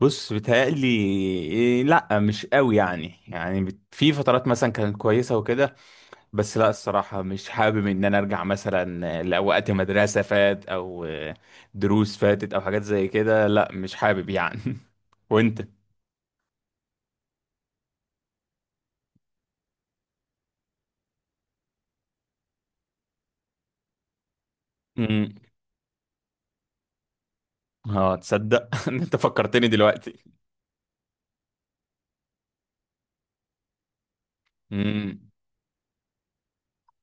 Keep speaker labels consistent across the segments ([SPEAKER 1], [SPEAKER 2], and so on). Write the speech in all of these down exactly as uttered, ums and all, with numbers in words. [SPEAKER 1] بص بيتهيألي. إيه، لا مش قوي يعني يعني بت- في فترات مثلا كانت كويسة وكده. بس لا الصراحة مش حابب ان انا ارجع مثلا لوقت مدرسة فات او آه، دروس فاتت او حاجات زي كده، لا مش حابب يعني. وانت؟ امم. اه، تصدق إن انت فكرتني دلوقتي. امم.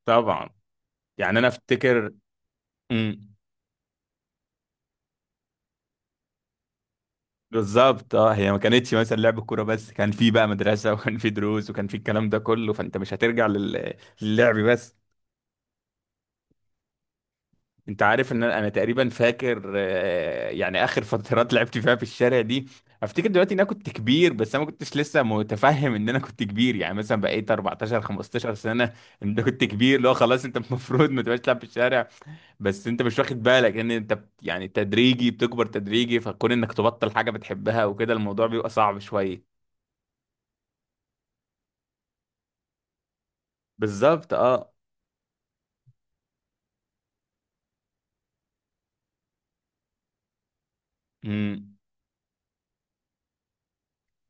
[SPEAKER 1] طبعا. يعني انا افتكر. امم. بالظبط اه، هي ما كانتش مثلا لعب كوره بس، كان في بقى مدرسه وكان في دروس وكان في الكلام ده كله، فانت مش هترجع لل... للعب بس. انت عارف ان انا انا تقريبا فاكر، آه، يعني اخر فترات لعبت فيها في الشارع دي. افتكر دلوقتي ان انا كنت كبير، بس انا ما كنتش لسه متفهم ان انا كنت كبير، يعني مثلا بقيت اربعتاشر 15 سنه. انت كنت كبير، لو خلاص انت المفروض ما تبقاش تلعب في الشارع. بس انت مش واخد بالك ان انت بت- يعني تدريجي بتكبر، تدريجي، فكون انك تبطل حاجه بتحبها وكده الموضوع بيبقى صعب شويه. بالظبط اه. امم.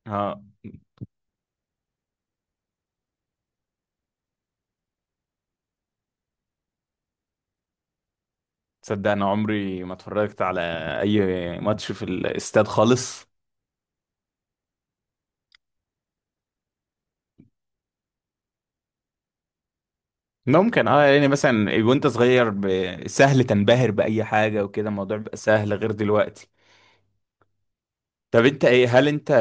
[SPEAKER 1] اه، تصدق انا عمري ما اتفرجت على اي ماتش في الاستاد خالص. ممكن اه، يعني مثلا وانت صغير ب- سهل تنبهر بأي حاجة وكده الموضوع بيبقى سهل غير دلوقتي. طب انت ايه، هل انت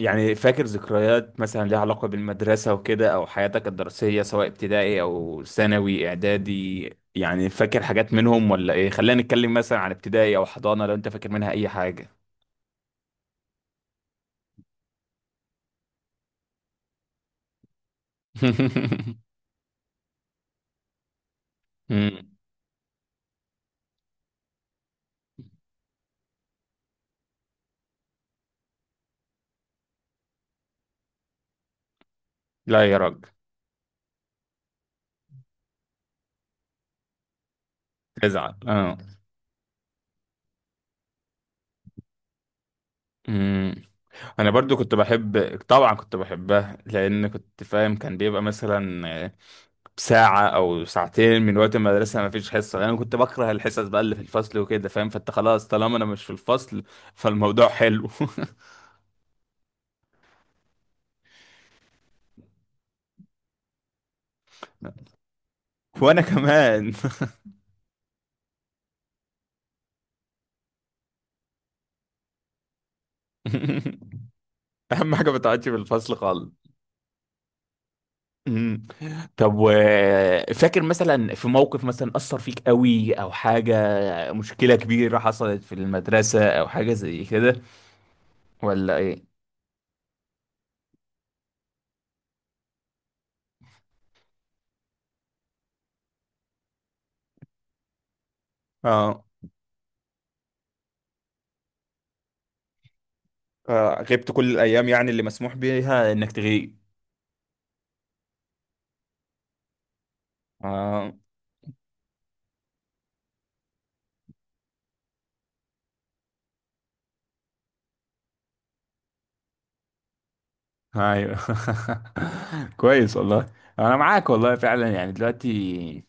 [SPEAKER 1] يعني فاكر ذكريات مثلا ليها علاقة بالمدرسة وكده او حياتك الدراسية، سواء ابتدائي او ثانوي اعدادي؟ يعني فاكر حاجات منهم ولا ايه؟ خلينا نتكلم مثلا عن ابتدائي او حضانة، لو انت فاكر منها اي حاجة. مم. لا يا راجل. تزعل. اه، انا برضو كنت بحب، طبعا كنت بحبها لان كنت فاهم كان بيبقى مثلا ساعة او ساعتين من وقت المدرسة ما فيش حصة، لان انا كنت بكره الحصص بقى اللي في الفصل وكده فاهم، فانت خلاص طالما انا مش في الفصل فالموضوع حلو. وانا كمان. اهم حاجة ما تقعدش في الفصل خالص. أمم. طب و، فاكر مثلا في موقف مثلا أثر فيك قوي او حاجة، مشكلة كبيرة حصلت في المدرسة او حاجة زي كده، ولا ايه؟ اه. آه، غبت كل الأيام يعني اللي مسموح بيها إنك تغيب. اه. ايوه كويس والله. انا معاك والله فعلا، يعني دلوقتي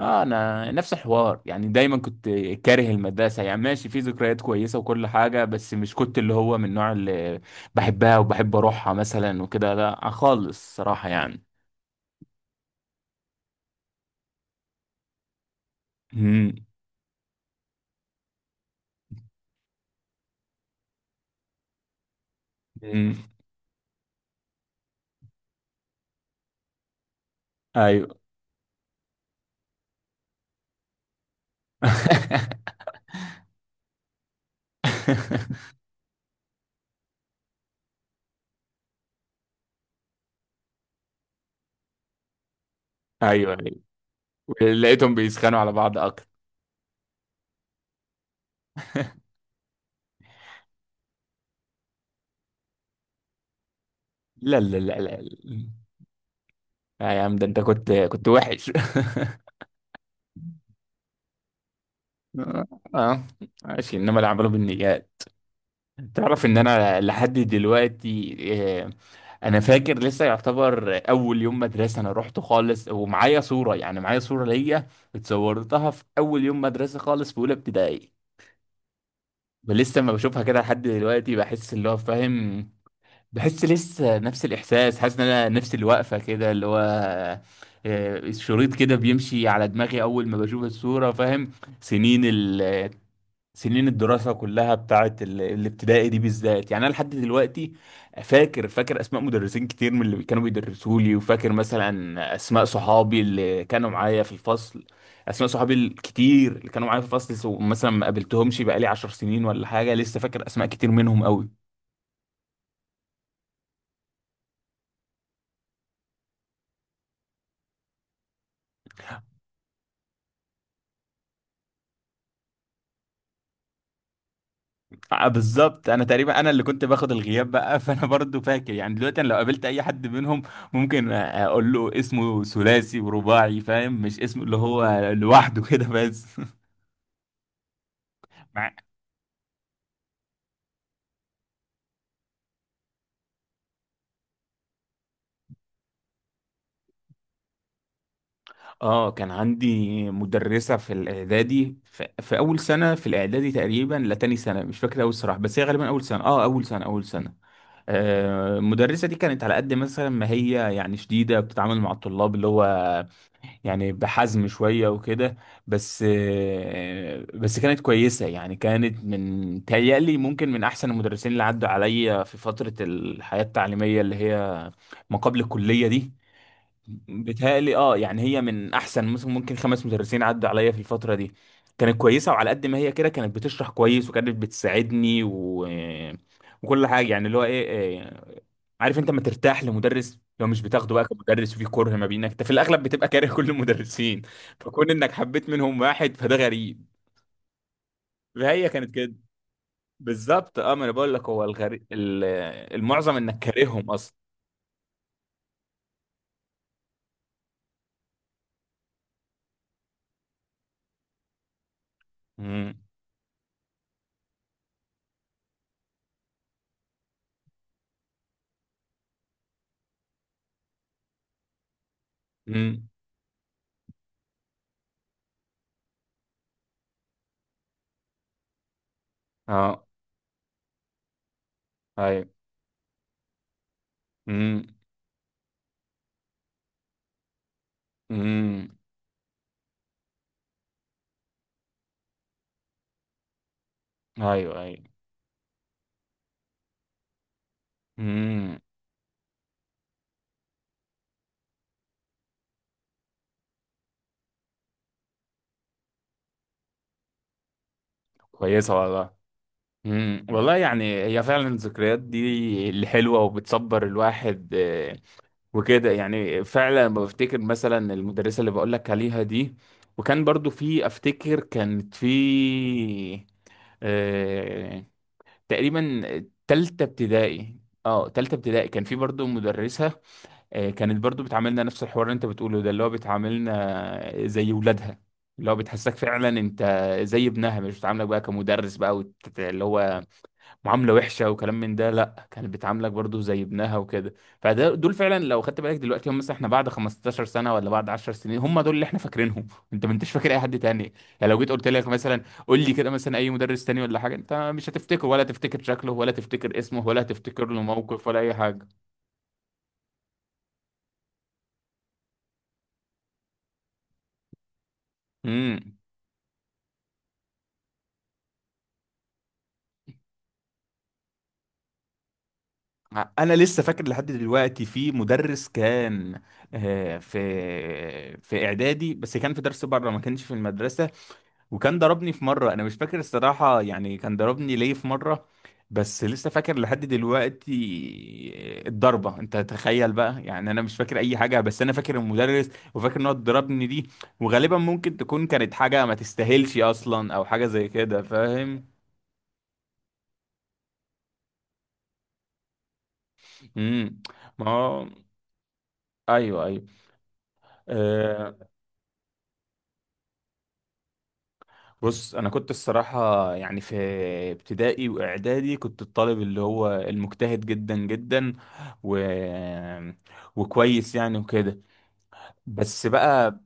[SPEAKER 1] اه انا نفس الحوار، يعني دايما كنت كاره المدرسه، يعني ماشي في ذكريات كويسه وكل حاجه، بس مش كنت اللي هو من النوع اللي بحبها وبحب اروحها مثلا وكده، لا آه، خالص صراحه يعني. امم. أمم. ايوه. ايوه ايوه. لقيتهم بيسخنوا على بعض اكتر. لا لا لا لا، لا يا عم ده انت كنت كنت وحش. اه ماشي، انما اللي عملوا بالنيات. تعرف ان انا لحد دلوقتي، آه، انا فاكر لسه، يعتبر اول يوم مدرسه انا رحت خالص ومعايا صوره، يعني معايا صوره ليا اتصورتها في اول يوم مدرسه خالص في اولى ابتدائي، ولسه ما بشوفها كده لحد دلوقتي بحس اللي هو فاهم، بحس لسه نفس الاحساس، حاسس ان انا نفس الوقفه كده اللي هو آه، الشريط كده بيمشي على دماغي اول ما بشوف الصوره فاهم. سنين ال سنين الدراسه كلها بتاعت ال- الابتدائي دي بالذات، يعني انا لحد دلوقتي فاكر فاكر اسماء مدرسين كتير من اللي كانوا بيدرسوا لي، وفاكر مثلا اسماء صحابي اللي كانوا معايا في الفصل، اسماء صحابي الكتير اللي كانوا معايا في الفصل، سو- مثلا ما قابلتهمش بقالي عشر سنين ولا حاجه، لسه فاكر اسماء كتير منهم قوي. آه، بالظبط، انا تقريبا انا اللي كنت باخد الغياب بقى فانا برضو فاكر، يعني دلوقتي انا لو قابلت اي حد منهم ممكن آه، اقول له اسمه ثلاثي ورباعي فاهم، مش اسمه اللي هو لوحده كده بس. مع- اه كان عندي مدرسة في الاعدادي، ف- في اول سنة في الاعدادي تقريبا، لا تاني سنة، مش فاكر اول صراحة، بس هي غالبا اول سنة، اه اول سنة اول سنة. آه، المدرسة دي كانت على قد مثلا ما هي يعني شديدة بتتعامل مع الطلاب اللي هو يعني بحزم شوية وكده، بس. بس كانت كويسة، يعني كانت من تهيألي ممكن من أحسن المدرسين اللي عدوا عليا في فترة الحياة التعليمية اللي هي ما قبل الكلية دي. بتهيألي اه، يعني هي من أحسن مثلا ممكن خمس مدرسين عدوا عليا في الفترة دي. كانت كويسة، وعلى قد ما هي كده كانت بتشرح كويس وكانت بتساعدني و... وكل حاجة، يعني اللي هو ايه، إيه، عارف انت ما ترتاح لمدرس لو مش بتاخده بقى كمدرس وفي كره ما بينك، انت في الاغلب بتبقى كاره كل المدرسين، فكون انك حبيت منهم واحد فده غريب. فهي كانت كده. بالظبط اه. ما انا بقول لك هو الغريب، المعظم انك كارههم اصلا. امم. امم. اه. ايوه. امم. امم. ايوه ايوه. امم. كويسه والله. امم والله، يعني هي فعلا الذكريات دي الحلوه وبتصبر الواحد، آه، وكده يعني، فعلا لما بفتكر مثلا المدرسة اللي بقولك عليها دي، وكان برضو في، افتكر كانت في آه تقريبا تالتة ابتدائي. اه تالتة ابتدائي كان في برضو مدرسة آه كانت برضو بتعاملنا نفس الحوار اللي انت بتقوله ده، اللي هو بتعاملنا زي ولادها، اللي هو بتحسسك فعلا انت زي ابنها، مش بتعاملك بقى كمدرس بقى وت- اللي هو معامله وحشه وكلام من ده، لا كانت بتعاملك برضو زي ابنها وكده. فده دول فعلا، لو خدت بالك دلوقتي هم مثلا احنا بعد 15 سنه ولا بعد 10 سنين، هم دول اللي احنا فاكرينهم. انت ما انتش فاكر اي حد تاني، يعني لو جيت قلت لك مثلا قول لي كده مثلا اي مدرس تاني ولا حاجه، انت مش هتفتكره ولا تفتكر شكله ولا تفتكر اسمه ولا تفتكر له موقف ولا اي حاجه. امم. انا لسه فاكر لحد دلوقتي في مدرس كان آه، في في اعدادي، بس كان في درس بره ما كانش في المدرسه، وكان ضربني في مرة، أنا مش فاكر الصراحة يعني كان ضربني ليه في مرة، بس لسه فاكر لحد دلوقتي الضربة. أنت تخيل بقى، يعني أنا مش فاكر أي حاجة بس أنا فاكر المدرس وفاكر إن هو ضربني دي، وغالبا ممكن تكون كانت حاجة ما تستاهلش أصلا أو حاجة زي كده فاهم؟ امم. ما هو، أيوه أيوه. أه... بص انا كنت الصراحه، يعني في ابتدائي واعدادي كنت الطالب اللي هو المجتهد جدا جدا و... وكويس يعني وكده، بس بقى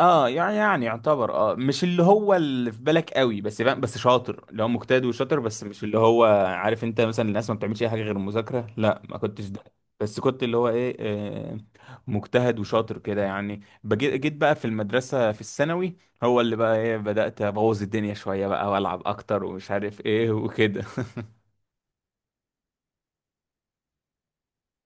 [SPEAKER 1] اه يعني يعني يعتبر اه مش اللي هو اللي في بالك قوي بس فاهم، بس شاطر اللي هو مجتهد وشاطر، بس مش اللي هو عارف انت مثلا الناس ما بتعملش اي حاجه غير المذاكره، لا ما كنتش ده. بس كنت اللي هو ايه، آه مجتهد وشاطر كده يعني. بجيت جيت بقى في المدرسه في الثانوي، هو اللي بقى ايه، بدات ابوظ الدنيا شويه بقى والعب اكتر ومش عارف ايه وكده.